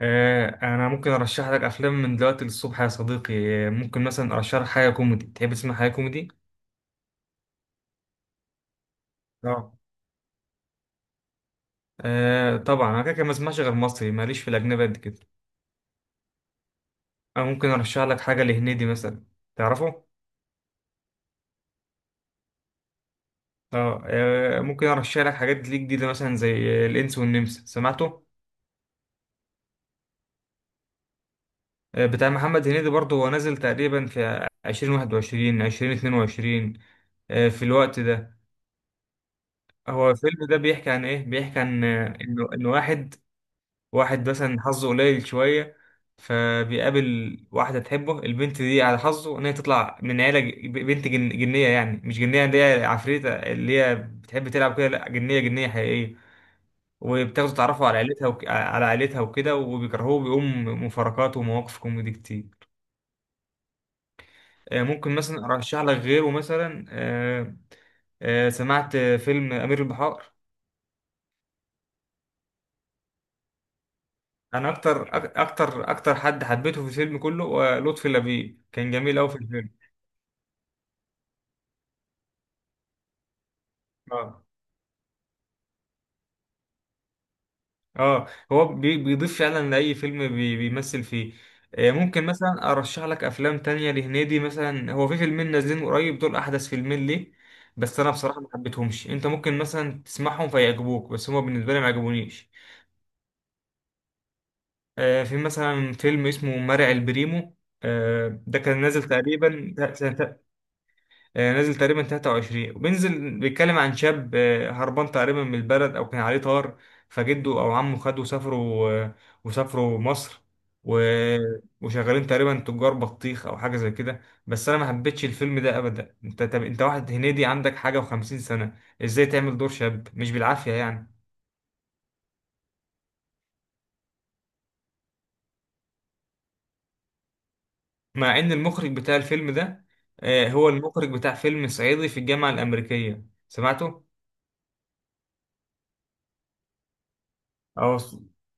انا ممكن ارشح لك افلام من دلوقتي للصبح يا صديقي. ممكن مثلا ارشح لك حاجه كوميدي. تحب تسمع حاجه كوميدي؟ اه. آه طبعا انا كده كده ما اسمعش غير مصري، ماليش في الاجنبي قد كده. انا ممكن ارشح لك حاجه لهنيدي مثلا. تعرفه؟ اه. ممكن ارشح لك حاجات ليه جديده مثلا زي الانس والنمس. سمعته؟ بتاع محمد هنيدي برضه، هو نازل تقريبا في 2021 2022، في الوقت ده. هو الفيلم ده بيحكي عن ايه؟ بيحكي عن ان واحد، واحد مثلا حظه قليل شوية، فبيقابل واحدة تحبه. البنت دي على حظه إن هي تطلع من عيلة ج- بنت جن جنية، يعني مش جنية اللي هي عفريتة اللي هي بتحب تلعب كده، لأ جنية جنية حقيقية. وبتاخده تعرفه على عيلتها على عيلتها وكده، وبيكرهوه، بيقوم مفارقات ومواقف كوميدي كتير. ممكن مثلا أرشح لك غيره مثلا، سمعت فيلم أمير البحار. أنا أكتر أكتر حد حبيته في الفيلم كله، لطفي لبيب كان جميل أوي في الفيلم. آه. اه. هو بيضيف فعلا لأي فيلم بيمثل فيه. ممكن مثلا ارشح لك افلام تانية لهنيدي مثلا. هو في فيلمين نازلين قريب، دول احدث فيلمين ليه. بس انا بصراحة ما حبيتهمش. انت ممكن مثلا تسمعهم فيعجبوك، بس هما بالنسبة لي ما عجبونيش. في مثلا فيلم اسمه مرعي البريمو، ده كان نازل تقريبا سنة. نازل تقريبا 23 وبينزل. بيتكلم عن شاب هربان تقريبا من البلد او كان عليه طار، فجده او عمه خده وسافروا وسافروا مصر و... وشغالين تقريبا تجار بطيخ او حاجه زي كده. بس انا ما حبيتش الفيلم ده ابدا. انت طب انت واحد هنيدي عندك حاجه وخمسين سنه، ازاي تعمل دور شاب؟ مش بالعافيه يعني. مع ان المخرج بتاع الفيلم ده، هو المخرج بتاع فيلم صعيدي في الجامعه الامريكيه، سمعته. اه.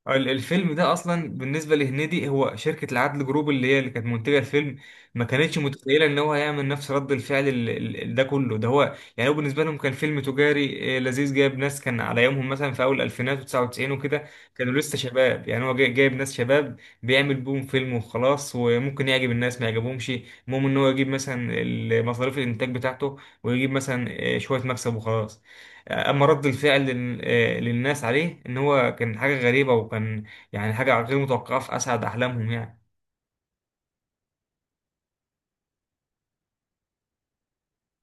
الفيلم ده اصلا بالنسبه لهنيدي، هو شركه العدل جروب اللي كانت منتجه الفيلم، ما كانتش متخيله ان هو هيعمل نفس رد الفعل ده كله. ده هو يعني، هو بالنسبه لهم كان فيلم تجاري لذيذ، جايب ناس كان على يومهم مثلا في اول الفينات و99 وكده، كانوا لسه شباب يعني. هو جايب ناس شباب، بيعمل بوم فيلم وخلاص، وممكن يعجب الناس ما يعجبهمش. المهم ان هو يجيب مثلا مصاريف الانتاج بتاعته، ويجيب مثلا شويه مكسب وخلاص. اما رد الفعل للناس عليه ان هو كان حاجه غريبه، وكان يعني حاجه غير متوقعه في اسعد احلامهم يعني.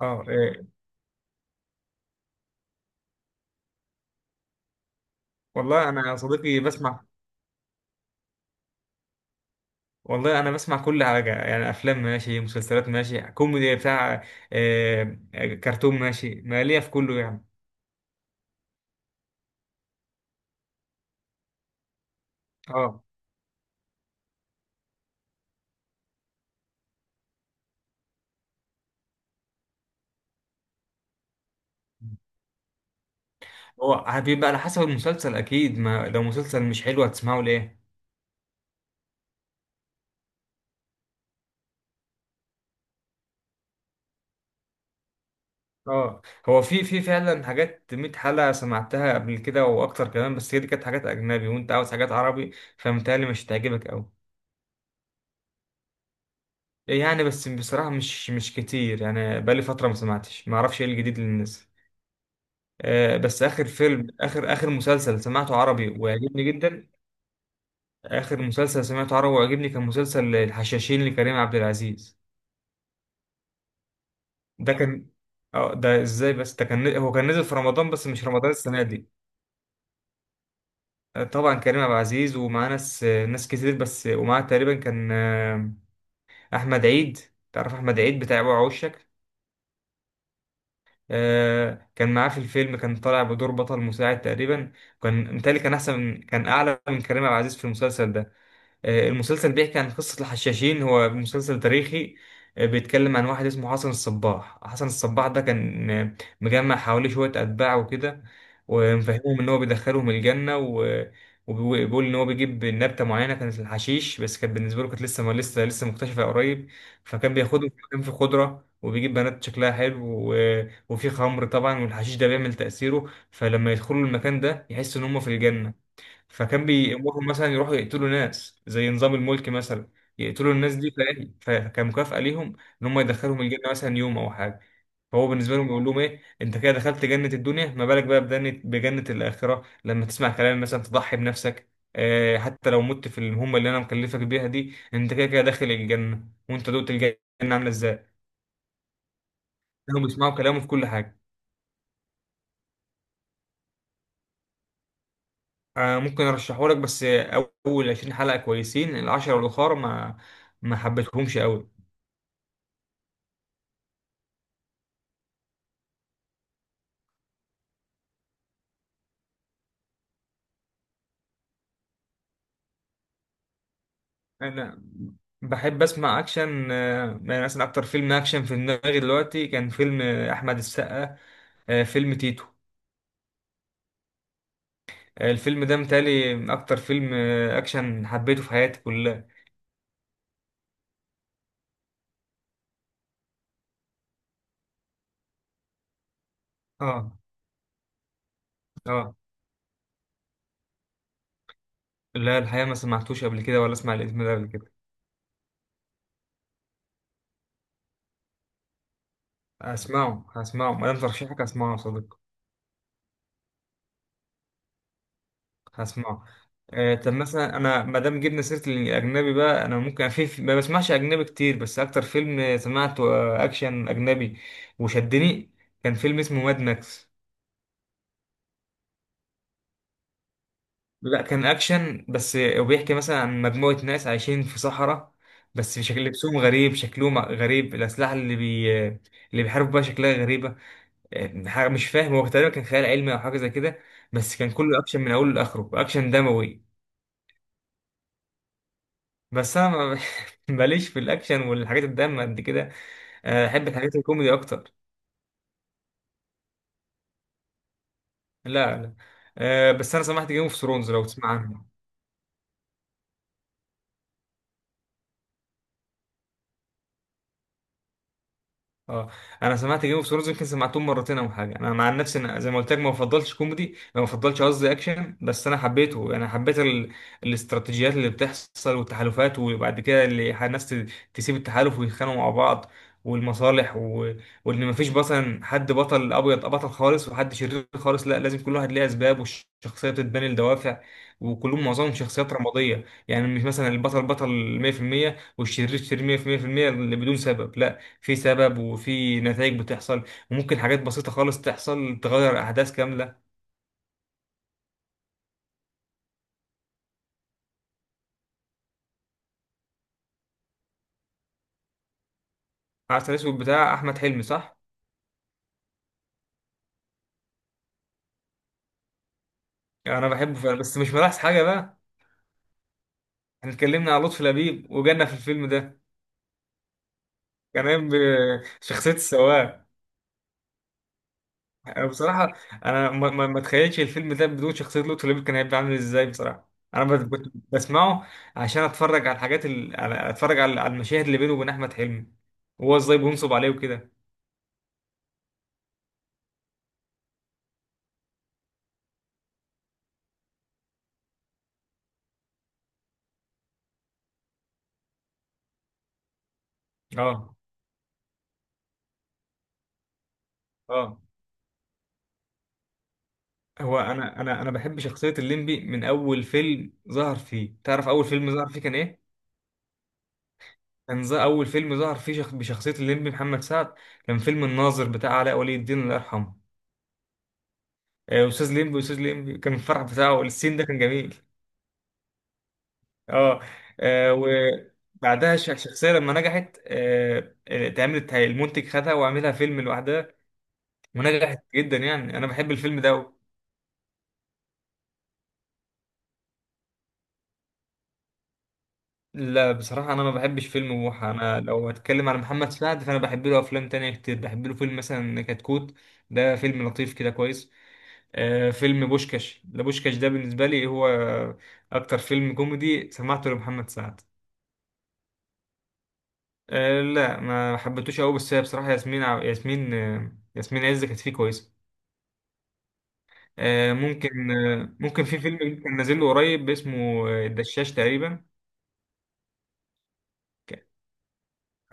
اه. والله انا يا صديقي بسمع. والله انا بسمع كل حاجه يعني، افلام ماشي، مسلسلات ماشي، كوميدي بتاع كرتون ماشي، ماليه في كله يعني. اه. هو بيبقى على حسب المسلسل اكيد. ما لو مسلسل مش حلو هتسمعه ليه؟ اه. هو في فعلا حاجات 100 حلقة سمعتها قبل كده واكتر كمان، بس هي دي كانت حاجات اجنبي وانت عاوز حاجات عربي، فمتهيألي مش هتعجبك قوي. يعني بس بصراحة مش كتير يعني، بقالي فترة ما سمعتش، ما اعرفش ايه الجديد اللي نزل. آه، بس اخر فيلم اخر اخر مسلسل سمعته عربي وعجبني جدا. اخر مسلسل سمعته عربي وعجبني كان مسلسل الحشاشين لكريم عبد العزيز. ده كان. اه، ده ازاي بس. ده كان، هو كان نزل في رمضان، بس مش رمضان السنة دي. طبعا كريم عبد العزيز ومعاه ناس كتير بس، ومعاه تقريبا كان احمد عيد. تعرف احمد عيد بتاع وعوشك؟ كان معاه في الفيلم، كان طالع بدور بطل مساعد تقريبا. كان متهيألي كان احسن، كان اعلى من كريم عبد العزيز في المسلسل ده. المسلسل بيحكي عن قصة الحشاشين، هو مسلسل تاريخي. بيتكلم عن واحد اسمه حسن الصباح. حسن الصباح ده كان مجمع حواليه شوية أتباع وكده، ومفهمهم إن هو بيدخلهم الجنة وبيقول إن هو بيجيب نبتة معينة، كانت الحشيش، بس كانت بالنسبة له كانت لسه ما لسه لسه مكتشفة قريب. فكان بياخدهم في مكان فيه خضرة، وبيجيب بنات شكلها حلو و... وفي خمر طبعا، والحشيش ده بيعمل تأثيره، فلما يدخلوا المكان ده يحسوا إن هم في الجنة. فكان بيأمرهم مثلا يروحوا يقتلوا ناس زي نظام الملك مثلا، يقتلوا الناس دي فلاهي. فكمكافأة ليهم إن هم يدخلهم الجنة مثلا يوم أو حاجة. فهو بالنسبة لهم بيقول لهم إيه، أنت كده دخلت جنة الدنيا، ما بالك بقى بجنة الآخرة لما تسمع كلام مثلا تضحي بنفسك. آه حتى لو مت في المهمة اللي أنا مكلفك بيها دي، أنت كده كده داخل الجنة، وأنت دوت الجنة عاملة إزاي. هم بيسمعوا كلامه في كل حاجة. آه ممكن أرشحهولك، بس أول 20 حلقة كويسين، العشرة الأخرى ما حبيتهمش أوي. انا بحب اسمع اكشن، يعني مثلا اكتر فيلم اكشن في دماغي دلوقتي كان فيلم احمد السقا، فيلم تيتو. الفيلم ده متهيألي اكتر فيلم اكشن حبيته في حياتي كلها. اه. اه. لا، الحقيقه ما سمعتوش قبل كده ولا اسمع الاسم ده قبل كده. اسمعه، هسمعه ما دام ترشيحك، اسمعه يا صديقي. هسمعه. طب مثلا انا ما دام جبنا سيره الاجنبي بقى، انا ممكن ما بسمعش اجنبي كتير، بس اكتر فيلم سمعته اكشن اجنبي وشدني كان فيلم اسمه ماد ماكس. لا كان اكشن بس، وبيحكي مثلا عن مجموعه ناس عايشين في صحراء، بس شكل لبسهم غريب، شكلهم غريب، الاسلحه اللي بي آه، اللي بيحاربوا بيها شكلها غريبه. حاجه مش فاهم، هو تقريبا كان خيال علمي او حاجه زي كده. بس كان كله اكشن من اوله لاخره، اكشن دموي. بس انا ماليش في الاكشن والحاجات الدم قد كده. احب الحاجات الكوميدي اكتر. لا، لا. بس انا سمعت جيم اوف ثرونز، لو تسمع عنه. اه. انا سمعت جيم اوف ثرونز يمكن سمعتهم مرتين او حاجه. انا مع نفسي انا زي ما قلت لك ما بفضلش كوميدي، ما بفضلش قصدي اكشن، بس انا حبيته. انا حبيت الاستراتيجيات اللي بتحصل والتحالفات، وبعد كده اللي الناس تسيب التحالف ويتخانقوا مع بعض، والمصالح وان مفيش مثلا حد بطل ابيض بطل خالص وحد شرير خالص. لا، لازم كل واحد ليه اسباب، والشخصيه بتتبني لدوافع، وكلهم معظمهم شخصيات رماديه، يعني مش مثلا البطل بطل 100% والشرير شرير 100% اللي بدون سبب. لا، في سبب وفي نتائج بتحصل، وممكن حاجات بسيطة خالص تحصل تغير أحداث كاملة. عسل أسود بتاع أحمد حلمي صح؟ أنا بحبه فعلا بس مش ملاحظ حاجة بقى. احنا اتكلمنا على لطفي لبيب وجانا في الفيلم ده، كان قايم بشخصية السواق. أنا بصراحة أنا ما أتخيلش الفيلم ده بدون شخصية لطفي لبيب، كان هيبقى عامل إزاي بصراحة. أنا كنت بسمعه عشان أتفرج على الحاجات أتفرج على المشاهد اللي بينه وبين أحمد حلمي، وهو إزاي بينصب عليه وكده. أه. أه. هو انا بحب شخصيه الليمبي من اول فيلم ظهر فيه. تعرف اول فيلم ظهر فيه كان ايه؟ كان اول فيلم ظهر فيه بشخصيه الليمبي محمد سعد، كان فيلم الناظر بتاع علاء ولي الدين الله يرحمه. استاذ ليمبي استاذ ليمبي كان الفرح بتاعه السين ده كان جميل. اه. وبعدها الشخصيه لما نجحت اتعملت، المنتج خدها وعملها فيلم لوحدها ونجحت جدا يعني. انا بحب الفيلم ده أوي. لا بصراحة أنا ما بحبش فيلم بوحة. أنا لو هتكلم على محمد سعد فأنا بحب له أفلام تانية كتير. بحب له فيلم مثلا كتكوت، ده فيلم لطيف كده كويس. آه فيلم بوشكاش، ده بوشكاش ده بالنسبة لي هو أكتر فيلم كوميدي سمعته لمحمد سعد. آه لا ما حبيتوش أوي، بس هي بصراحة ياسمين عز كانت فيه كويسة. آه ممكن، في فيلم كان نازل له قريب اسمه الدشاش تقريبا.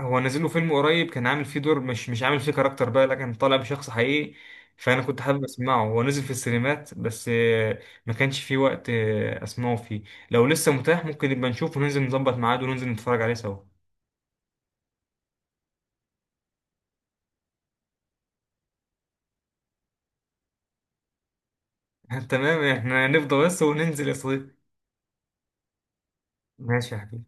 هو نازل له فيلم قريب كان عامل فيه دور، مش عامل فيه كاركتر بقى لكن طالع بشخص حقيقي. فانا كنت حابب اسمعه، هو نزل في السينمات بس ما كانش فيه وقت اسمعه فيه. لو لسه متاح ممكن نبقى نشوف وننزل نظبط ميعاد وننزل نتفرج عليه سوا. تمام، احنا نفضى بس وننزل يا صديقي. ماشي يا حبيبي.